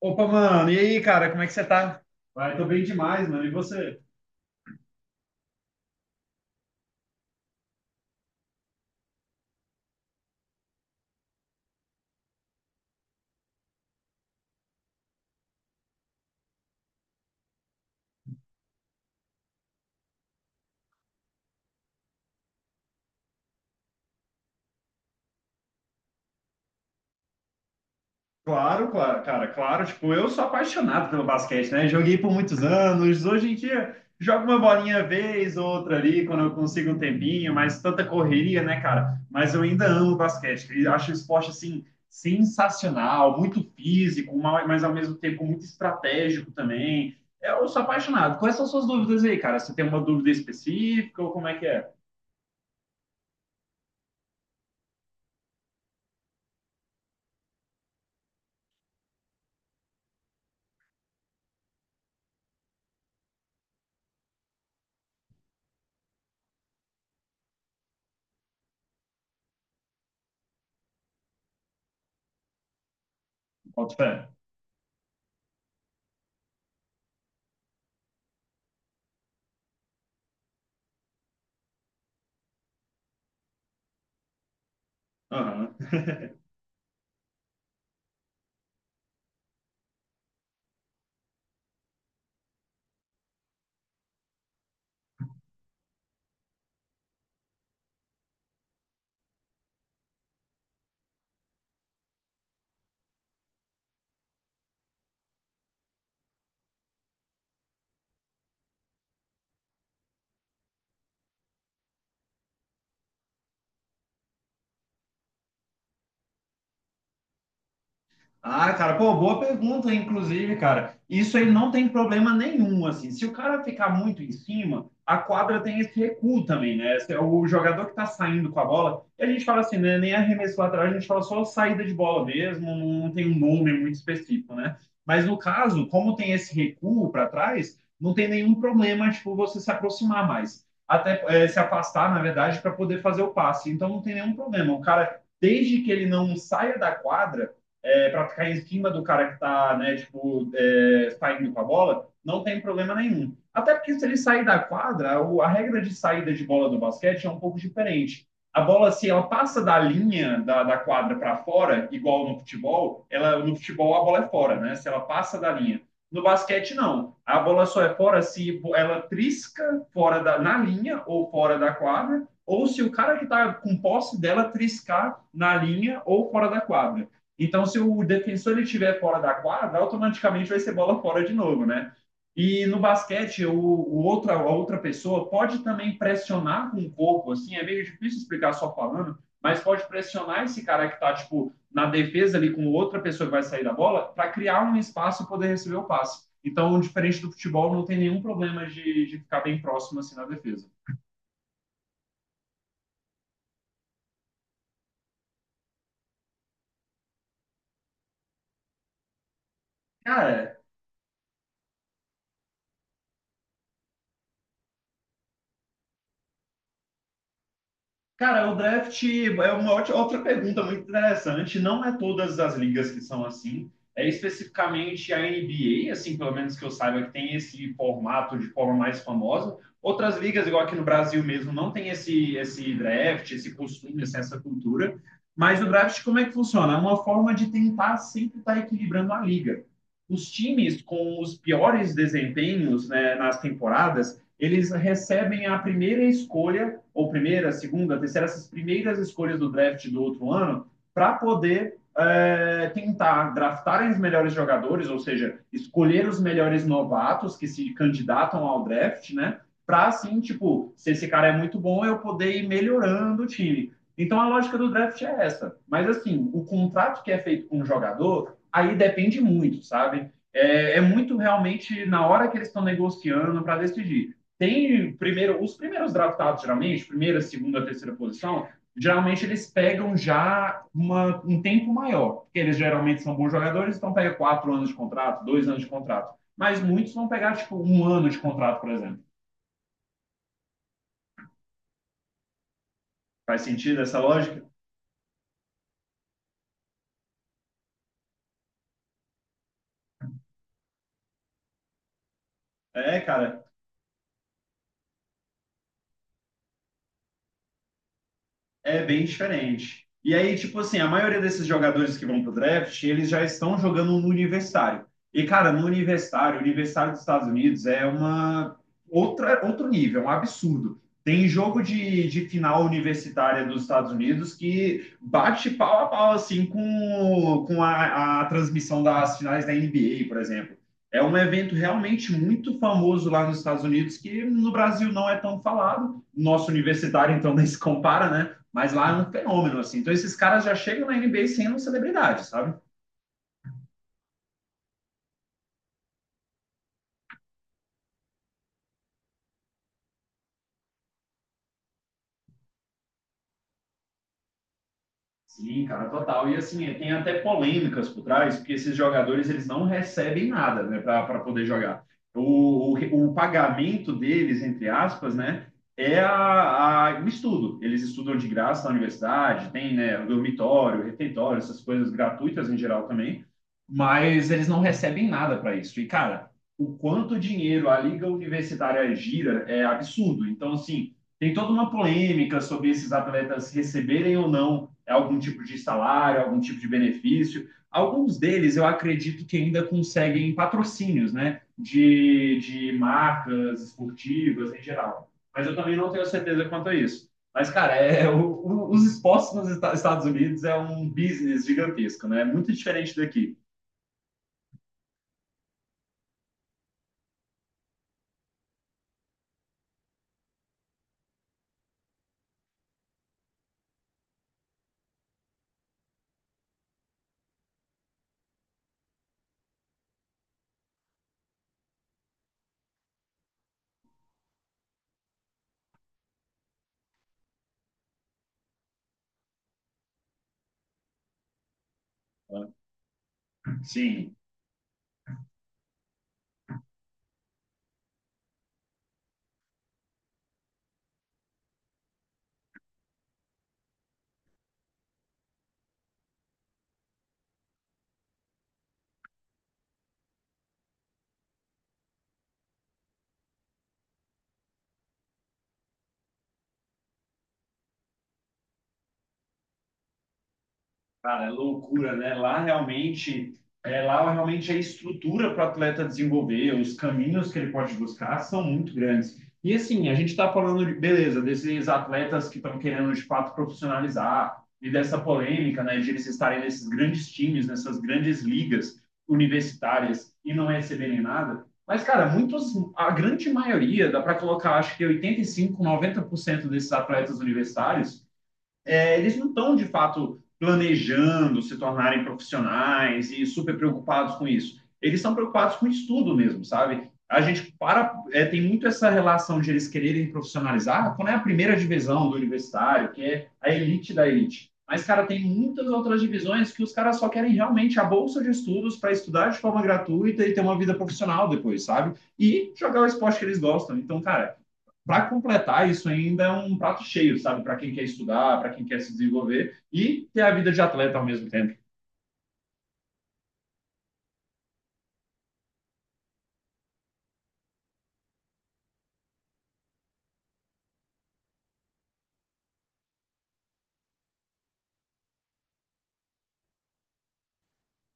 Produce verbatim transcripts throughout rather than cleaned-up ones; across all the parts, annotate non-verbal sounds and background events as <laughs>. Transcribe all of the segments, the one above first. Opa, mano, e aí, cara, como é que você tá? Vai, tô bem demais, mano. E você? Claro, claro, cara, claro, tipo, eu sou apaixonado pelo basquete, né? Joguei por muitos anos, hoje em dia jogo uma bolinha vez ou outra ali, quando eu consigo um tempinho, mas tanta correria, né, cara? Mas eu ainda amo basquete, e acho o esporte, assim, sensacional, muito físico, ma- mas ao mesmo tempo muito estratégico também. Eu sou apaixonado. Quais são suas dúvidas aí, cara? Você tem uma dúvida específica ou como é que é? Bota fé. Ah, cara, pô, boa pergunta, inclusive, cara. Isso aí não tem problema nenhum, assim. Se o cara ficar muito em cima, a quadra tem esse recuo também, né? Esse é o jogador que tá saindo com a bola, e a gente fala assim, né? Nem arremesso lateral, a gente fala só saída de bola mesmo, não tem um nome muito específico, né? Mas no caso, como tem esse recuo para trás, não tem nenhum problema, tipo, você se aproximar mais. Até eh, se afastar, na verdade, para poder fazer o passe. Então não tem nenhum problema. O cara, desde que ele não saia da quadra é, para ficar em cima do cara que está, né, tipo, é, saindo com a bola, não tem problema nenhum. Até porque se ele sair da quadra, a regra de saída de bola do basquete é um pouco diferente. A bola, se ela passa da linha da, da quadra para fora, igual no futebol, ela, no futebol a bola é fora, né? Se ela passa da linha. No basquete, não. A bola só é fora se ela trisca fora da, na linha ou fora da quadra, ou se o cara que está com posse dela triscar na linha ou fora da quadra. Então, se o defensor ele estiver fora da quadra, automaticamente vai ser bola fora de novo, né? E no basquete, o, o outra, a outra pessoa pode também pressionar com o corpo, assim, é meio difícil explicar só falando, mas pode pressionar esse cara que está, tipo, na defesa ali com outra pessoa que vai sair da bola, para criar um espaço e poder receber o passe. Então, diferente do futebol, não tem nenhum problema de, de ficar bem próximo, assim, na defesa. Cara, Cara, o draft é uma ótima- outra pergunta muito interessante. Não é todas as ligas que são assim. É especificamente a N B A, assim, pelo menos que eu saiba, que tem esse formato de forma mais famosa. Outras ligas, igual aqui no Brasil mesmo, não tem esse, esse draft, esse costume, assim, essa cultura. Mas o draft, como é que funciona? É uma forma de tentar sempre estar equilibrando a liga. Os times com os piores desempenhos, né, nas temporadas, eles recebem a primeira escolha ou primeira, segunda, terceira, essas primeiras escolhas do draft do outro ano, para poder é, tentar draftar os melhores jogadores, ou seja, escolher os melhores novatos que se candidatam ao draft, né? Para assim, tipo, se esse cara é muito bom, eu poder ir melhorando o time. Então a lógica do draft é essa. Mas assim, o contrato que é feito com o jogador, aí depende muito, sabe? É, é muito realmente na hora que eles estão negociando para decidir, tem primeiro, os primeiros draftados, geralmente, primeira, segunda, terceira posição, geralmente eles pegam já uma, um tempo maior, porque eles geralmente são bons jogadores, então pega quatro anos de contrato, dois anos de contrato. Mas muitos vão pegar, tipo, um ano de contrato, por exemplo. Faz sentido essa lógica? É, cara, é bem diferente. E aí, tipo assim, a maioria desses jogadores que vão pro draft, eles já estão jogando no universitário. E, cara, no universitário, o universitário dos Estados Unidos é uma outra, outro nível, é um absurdo. Tem jogo de, de final universitária dos Estados Unidos que bate pau a pau, assim, com, com a, a transmissão das finais da N B A, por exemplo. É um evento realmente muito famoso lá nos Estados Unidos, que no Brasil não é tão falado. Nosso universitário, então, <laughs> nem se compara, né? Mas lá é um fenômeno, assim. Então, esses caras já chegam na N B A sendo celebridade, sabe? Sim, cara, total. E assim, tem até polêmicas por trás, porque esses jogadores eles não recebem nada, né, para poder jogar. O, o, o, pagamento deles, entre aspas, né, é a, a, o estudo. Eles estudam de graça na universidade, tem, né, dormitório, refeitório, essas coisas gratuitas em geral também, mas eles não recebem nada para isso. E, cara, o quanto dinheiro a liga universitária gira é absurdo. Então, assim, tem toda uma polêmica sobre esses atletas receberem ou não algum tipo de salário, algum tipo de benefício. Alguns deles eu acredito que ainda conseguem patrocínios, né? De, de marcas esportivas em geral. Mas eu também não tenho certeza quanto a isso. Mas, cara, é, o, o, os esportes nos Estados Unidos é um business gigantesco, né? É muito diferente daqui. Sim, cara, é loucura, né? Lá realmente, é, lá realmente a estrutura para o atleta desenvolver, os caminhos que ele pode buscar são muito grandes. E assim, a gente está falando de, beleza, desses atletas que estão querendo de fato profissionalizar e dessa polêmica, né, de eles estarem nesses grandes times, nessas grandes ligas universitárias e não receberem nada. Mas, cara, muitos, a grande maioria, dá para colocar, acho que oitenta e cinco, noventa por cento desses atletas universitários é, eles não estão de fato planejando se tornarem profissionais e super preocupados com isso. Eles estão preocupados com o estudo mesmo, sabe? A gente para é, tem muito essa relação de eles quererem profissionalizar quando é a primeira divisão do universitário, que é a elite da elite. Mas, cara, tem muitas outras divisões que os caras só querem realmente a bolsa de estudos para estudar de forma gratuita e ter uma vida profissional depois, sabe? E jogar o esporte que eles gostam. Então, cara, para completar, isso ainda é um prato cheio, sabe? Para quem quer estudar, para quem quer se desenvolver e ter a vida de atleta ao mesmo tempo.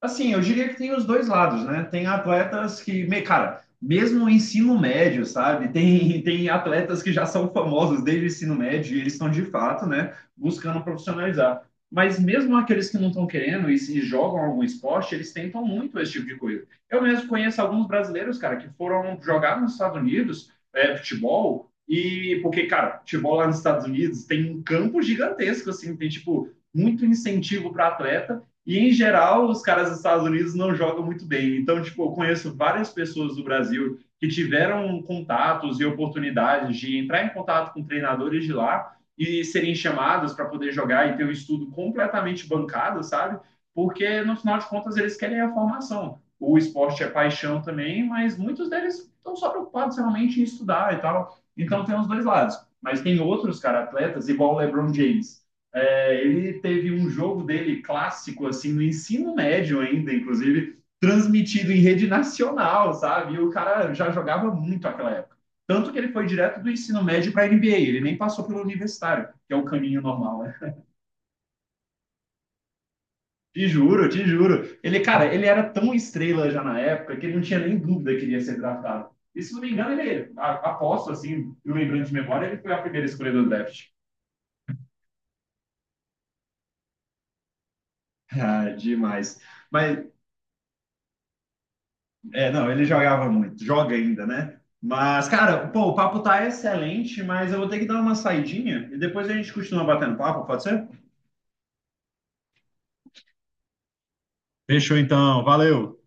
Assim, eu diria que tem os dois lados, né? Tem atletas que, me- cara, mesmo o ensino médio, sabe? Tem, <laughs> tem atletas que já são famosos desde o ensino médio e eles estão de fato, né, buscando profissionalizar. Mas mesmo aqueles que não estão querendo e, se jogam algum esporte, eles tentam muito esse tipo de coisa. Eu mesmo conheço alguns brasileiros, cara, que foram jogar nos Estados Unidos, é, futebol, e porque, cara, futebol lá nos Estados Unidos tem um campo gigantesco, assim, tem, tipo, muito incentivo para atleta e, em geral, os caras dos Estados Unidos não jogam muito bem. Então, tipo, eu conheço várias pessoas do Brasil que tiveram contatos e oportunidades de entrar em contato com treinadores de lá e serem chamados para poder jogar e ter o um estudo completamente bancado, sabe? Porque, no final de contas, eles querem a formação. O esporte é paixão também, mas muitos deles estão só preocupados realmente em estudar e tal. Então, tem os dois lados. Mas tem outros, cara, atletas, igual o LeBron James é, ele teve um jogo dele clássico, assim, no ensino médio ainda, inclusive, transmitido em rede nacional, sabe? E o cara já jogava muito naquela época. Tanto que ele foi direto do ensino médio para a N B A, ele nem passou pelo universitário, que é o caminho normal, né? Te juro, te juro. Ele, cara, ele era tão estrela já na época que ele não tinha nem dúvida que ele ia ser draftado. E se não me engano, ele, aposto assim, eu lembrando de memória, ele foi a primeira escolha do draft. <laughs> Ah, demais. Mas é, não, ele jogava muito, joga ainda, né? Mas, cara, pô, o papo tá excelente, mas eu vou ter que dar uma saidinha e depois a gente continua batendo papo, pode ser? Fechou então, valeu.